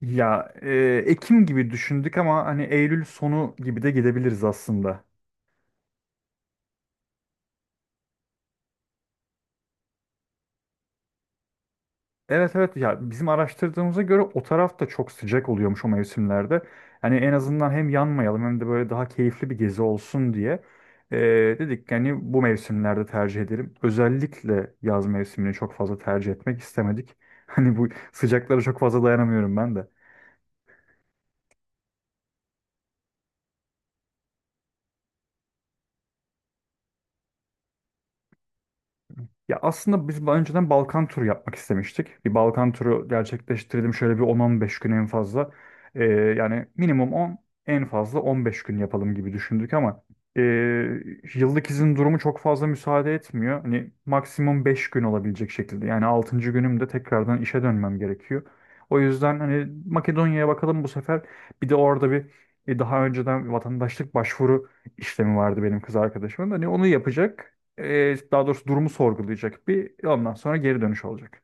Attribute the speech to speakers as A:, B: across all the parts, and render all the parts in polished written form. A: Ya Ekim gibi düşündük ama hani Eylül sonu gibi de gidebiliriz aslında. Evet evet, ya bizim araştırdığımıza göre o taraf da çok sıcak oluyormuş o mevsimlerde. Yani en azından hem yanmayalım hem de böyle daha keyifli bir gezi olsun diye e, dedik yani bu mevsimlerde tercih edelim. Özellikle yaz mevsimini çok fazla tercih etmek istemedik. Hani bu sıcaklara çok fazla dayanamıyorum ben de. Ya aslında biz daha önceden Balkan turu yapmak istemiştik. Bir Balkan turu gerçekleştirdim şöyle bir 10-15 gün en fazla. Yani minimum 10, en fazla 15 gün yapalım gibi düşündük ama ee, yıllık izin durumu çok fazla müsaade etmiyor. Hani maksimum 5 gün olabilecek şekilde. Yani altıncı günümde tekrardan işe dönmem gerekiyor. O yüzden hani Makedonya'ya bakalım bu sefer. Bir de orada bir daha önceden vatandaşlık başvuru işlemi vardı benim kız arkadaşımın. Hani onu yapacak, daha doğrusu durumu sorgulayacak, bir ondan sonra geri dönüş olacak.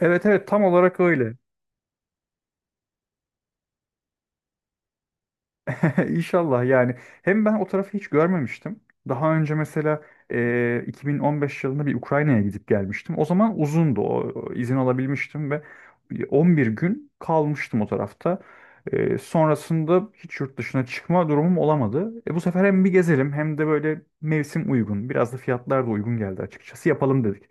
A: Evet evet, tam olarak öyle. İnşallah yani. Hem ben o tarafı hiç görmemiştim. Daha önce mesela 2015 yılında bir Ukrayna'ya gidip gelmiştim. O zaman uzundu, o izin alabilmiştim ve 11 gün kalmıştım o tarafta. Sonrasında hiç yurt dışına çıkma durumum olamadı. Bu sefer hem bir gezelim hem de böyle mevsim uygun. Biraz da fiyatlar da uygun geldi açıkçası. Yapalım dedik.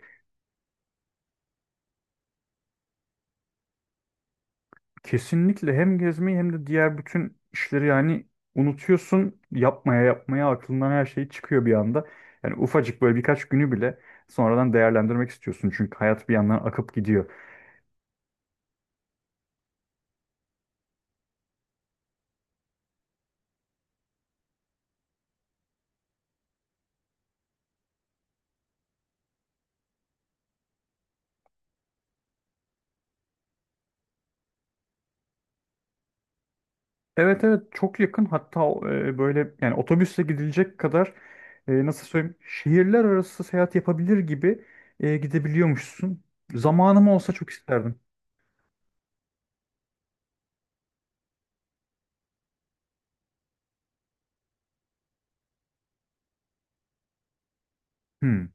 A: Kesinlikle, hem gezmeyi hem de diğer bütün işleri yani unutuyorsun, yapmaya yapmaya aklından her şey çıkıyor bir anda. Yani ufacık böyle birkaç günü bile sonradan değerlendirmek istiyorsun çünkü hayat bir yandan akıp gidiyor. Evet evet, çok yakın, hatta böyle yani otobüsle gidilecek kadar, nasıl söyleyeyim, şehirler arası seyahat yapabilir gibi gidebiliyormuşsun. Zamanım olsa çok isterdim. Hmm.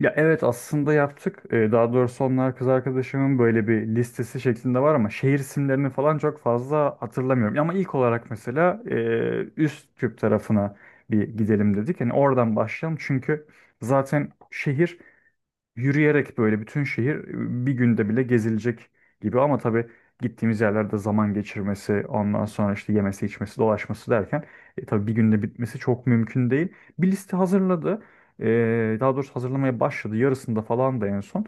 A: Ya evet, aslında yaptık. Daha doğrusu onlar kız arkadaşımın böyle bir listesi şeklinde var ama şehir isimlerini falan çok fazla hatırlamıyorum. Ama ilk olarak mesela üst küp tarafına bir gidelim dedik. Hani oradan başlayalım çünkü zaten şehir. Yürüyerek böyle bütün şehir bir günde bile gezilecek gibi, ama tabii gittiğimiz yerlerde zaman geçirmesi, ondan sonra işte yemesi, içmesi, dolaşması derken tabii bir günde bitmesi çok mümkün değil. Bir liste hazırladı. Daha doğrusu hazırlamaya başladı. Yarısında falan da en son.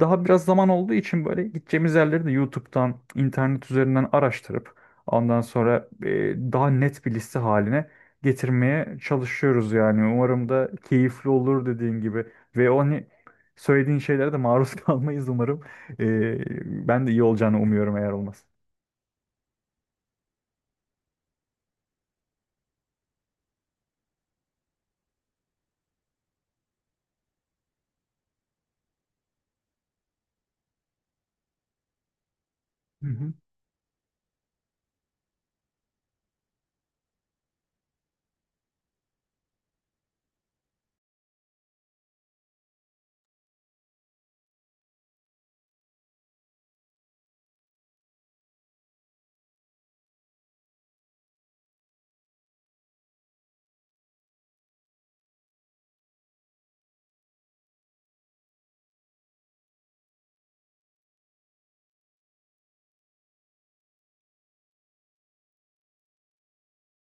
A: Daha biraz zaman olduğu için böyle gideceğimiz yerleri de YouTube'dan, internet üzerinden araştırıp ondan sonra daha net bir liste haline getirmeye çalışıyoruz yani. Umarım da keyifli olur dediğin gibi. Ve o hani Söylediğin şeylere de maruz kalmayız umarım. Ben de iyi olacağını umuyorum, eğer olmaz. Hı hı.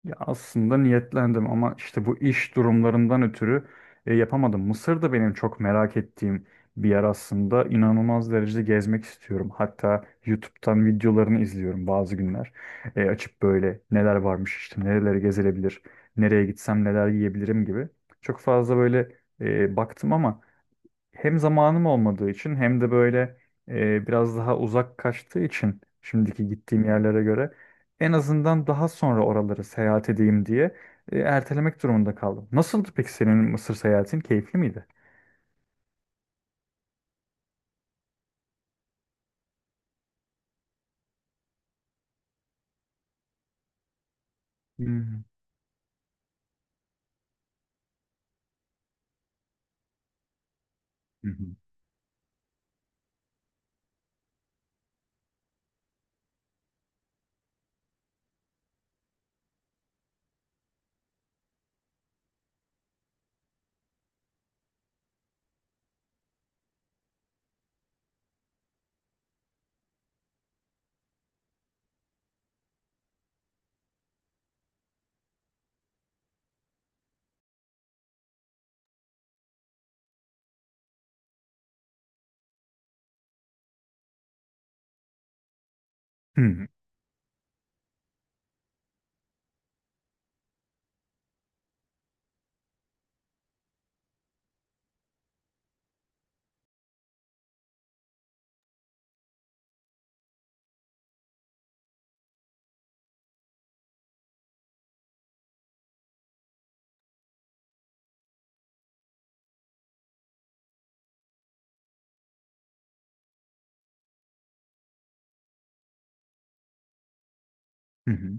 A: Ya aslında niyetlendim ama işte bu iş durumlarından ötürü yapamadım. Mısır da benim çok merak ettiğim bir yer aslında. İnanılmaz derecede gezmek istiyorum. Hatta YouTube'dan videolarını izliyorum bazı günler. Açıp böyle neler varmış, işte nereleri gezilebilir, nereye gitsem neler yiyebilirim gibi. Çok fazla böyle baktım ama hem zamanım olmadığı için hem de böyle biraz daha uzak kaçtığı için şimdiki gittiğim yerlere göre, en azından daha sonra oraları seyahat edeyim diye ertelemek durumunda kaldım. Nasıldı peki senin Mısır seyahatin? Keyifli miydi? Hmm. Hı hı. Hı hı. Hı hı.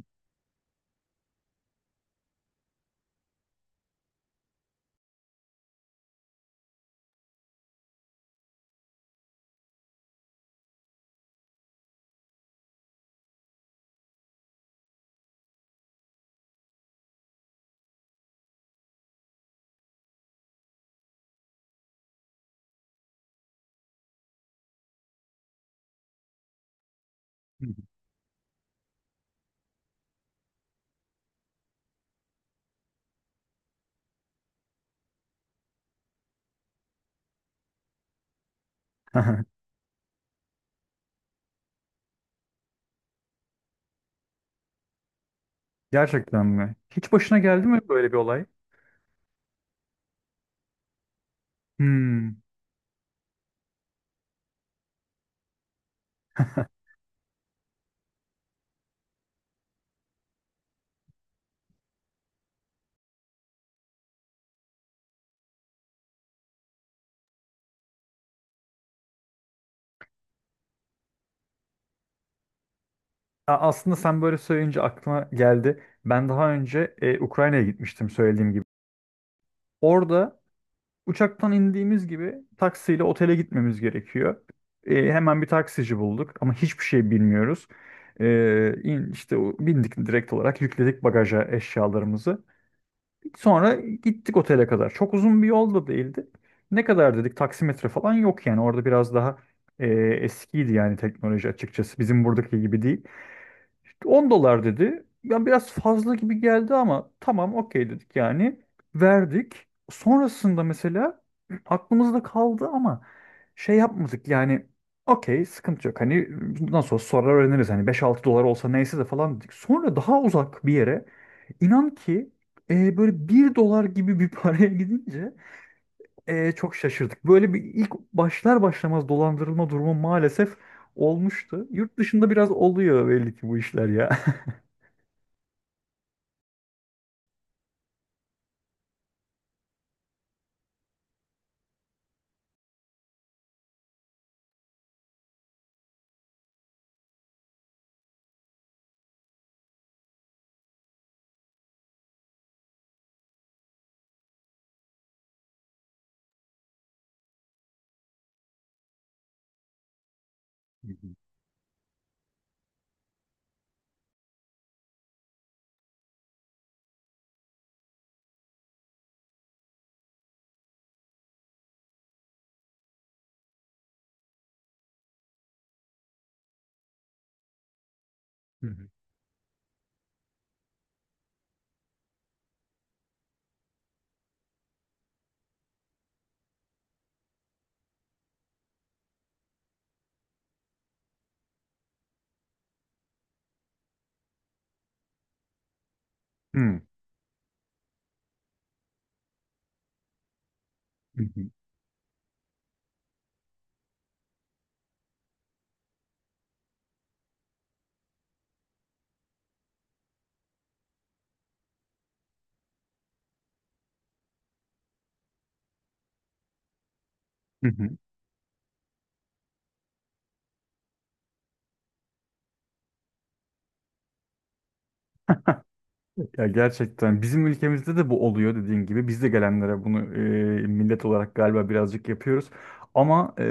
A: Hı hı. Gerçekten mi? Hiç başına geldi mi böyle bir olay? Hmm. Aslında sen böyle söyleyince aklıma geldi. Ben daha önce Ukrayna'ya gitmiştim söylediğim gibi. Orada uçaktan indiğimiz gibi taksiyle otele gitmemiz gerekiyor. Hemen bir taksici bulduk ama hiçbir şey bilmiyoruz. İşte bindik, direkt olarak yükledik bagaja eşyalarımızı. Sonra gittik otele kadar. Çok uzun bir yol da değildi. Ne kadar dedik, taksimetre falan yok yani, orada biraz daha eskiydi yani teknoloji, açıkçası bizim buradaki gibi değil. İşte 10 dolar dedi. Ben biraz fazla gibi geldi ama tamam, okey dedik yani. Verdik. Sonrasında mesela aklımızda kaldı ama şey yapmadık yani, okey, sıkıntı yok. Hani nasıl olsa sonra öğreniriz. Hani 5-6 dolar olsa neyse de falan dedik. Sonra daha uzak bir yere, inan ki böyle bir dolar gibi bir paraya gidince çok şaşırdık. Böyle bir ilk, başlar başlamaz dolandırılma durumu maalesef olmuştu. Yurt dışında biraz oluyor belli ki bu işler ya. Hı hı. Hı hı. Hı hı. Hı hı. Evet. Ya gerçekten bizim ülkemizde de bu oluyor dediğin gibi. Biz de gelenlere bunu millet olarak galiba birazcık yapıyoruz. Ama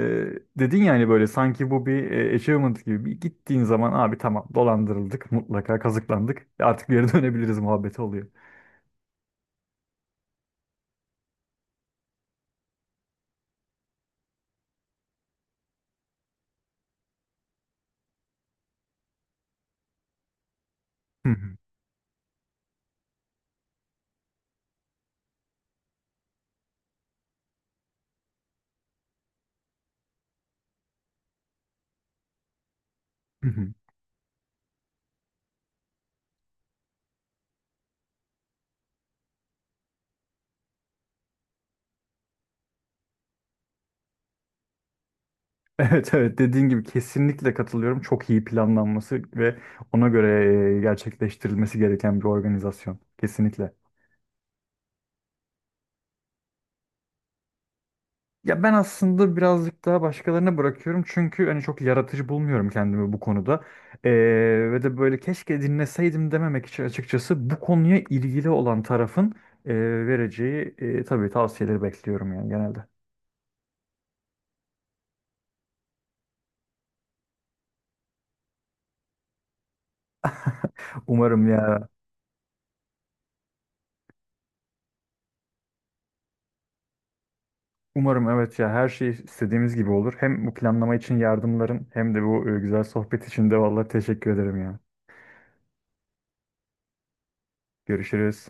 A: dedin yani, böyle sanki bu bir achievement gibi. Bir gittiğin zaman, abi tamam dolandırıldık, mutlaka kazıklandık, artık geri dönebiliriz muhabbeti oluyor. Hı hı. Hı hı. Evet evet, dediğin gibi kesinlikle katılıyorum. Çok iyi planlanması ve ona göre gerçekleştirilmesi gereken bir organizasyon. Kesinlikle. Ya ben aslında birazcık daha başkalarına bırakıyorum çünkü hani çok yaratıcı bulmuyorum kendimi bu konuda. Ee, Ve de böyle keşke dinleseydim dememek için, açıkçası bu konuya ilgili olan tarafın e, vereceği tabii tavsiyeleri bekliyorum yani genelde. Umarım ya, umarım evet, ya her şey istediğimiz gibi olur. Hem bu planlama için yardımların hem de bu güzel sohbet için de vallahi teşekkür ederim ya. Görüşürüz.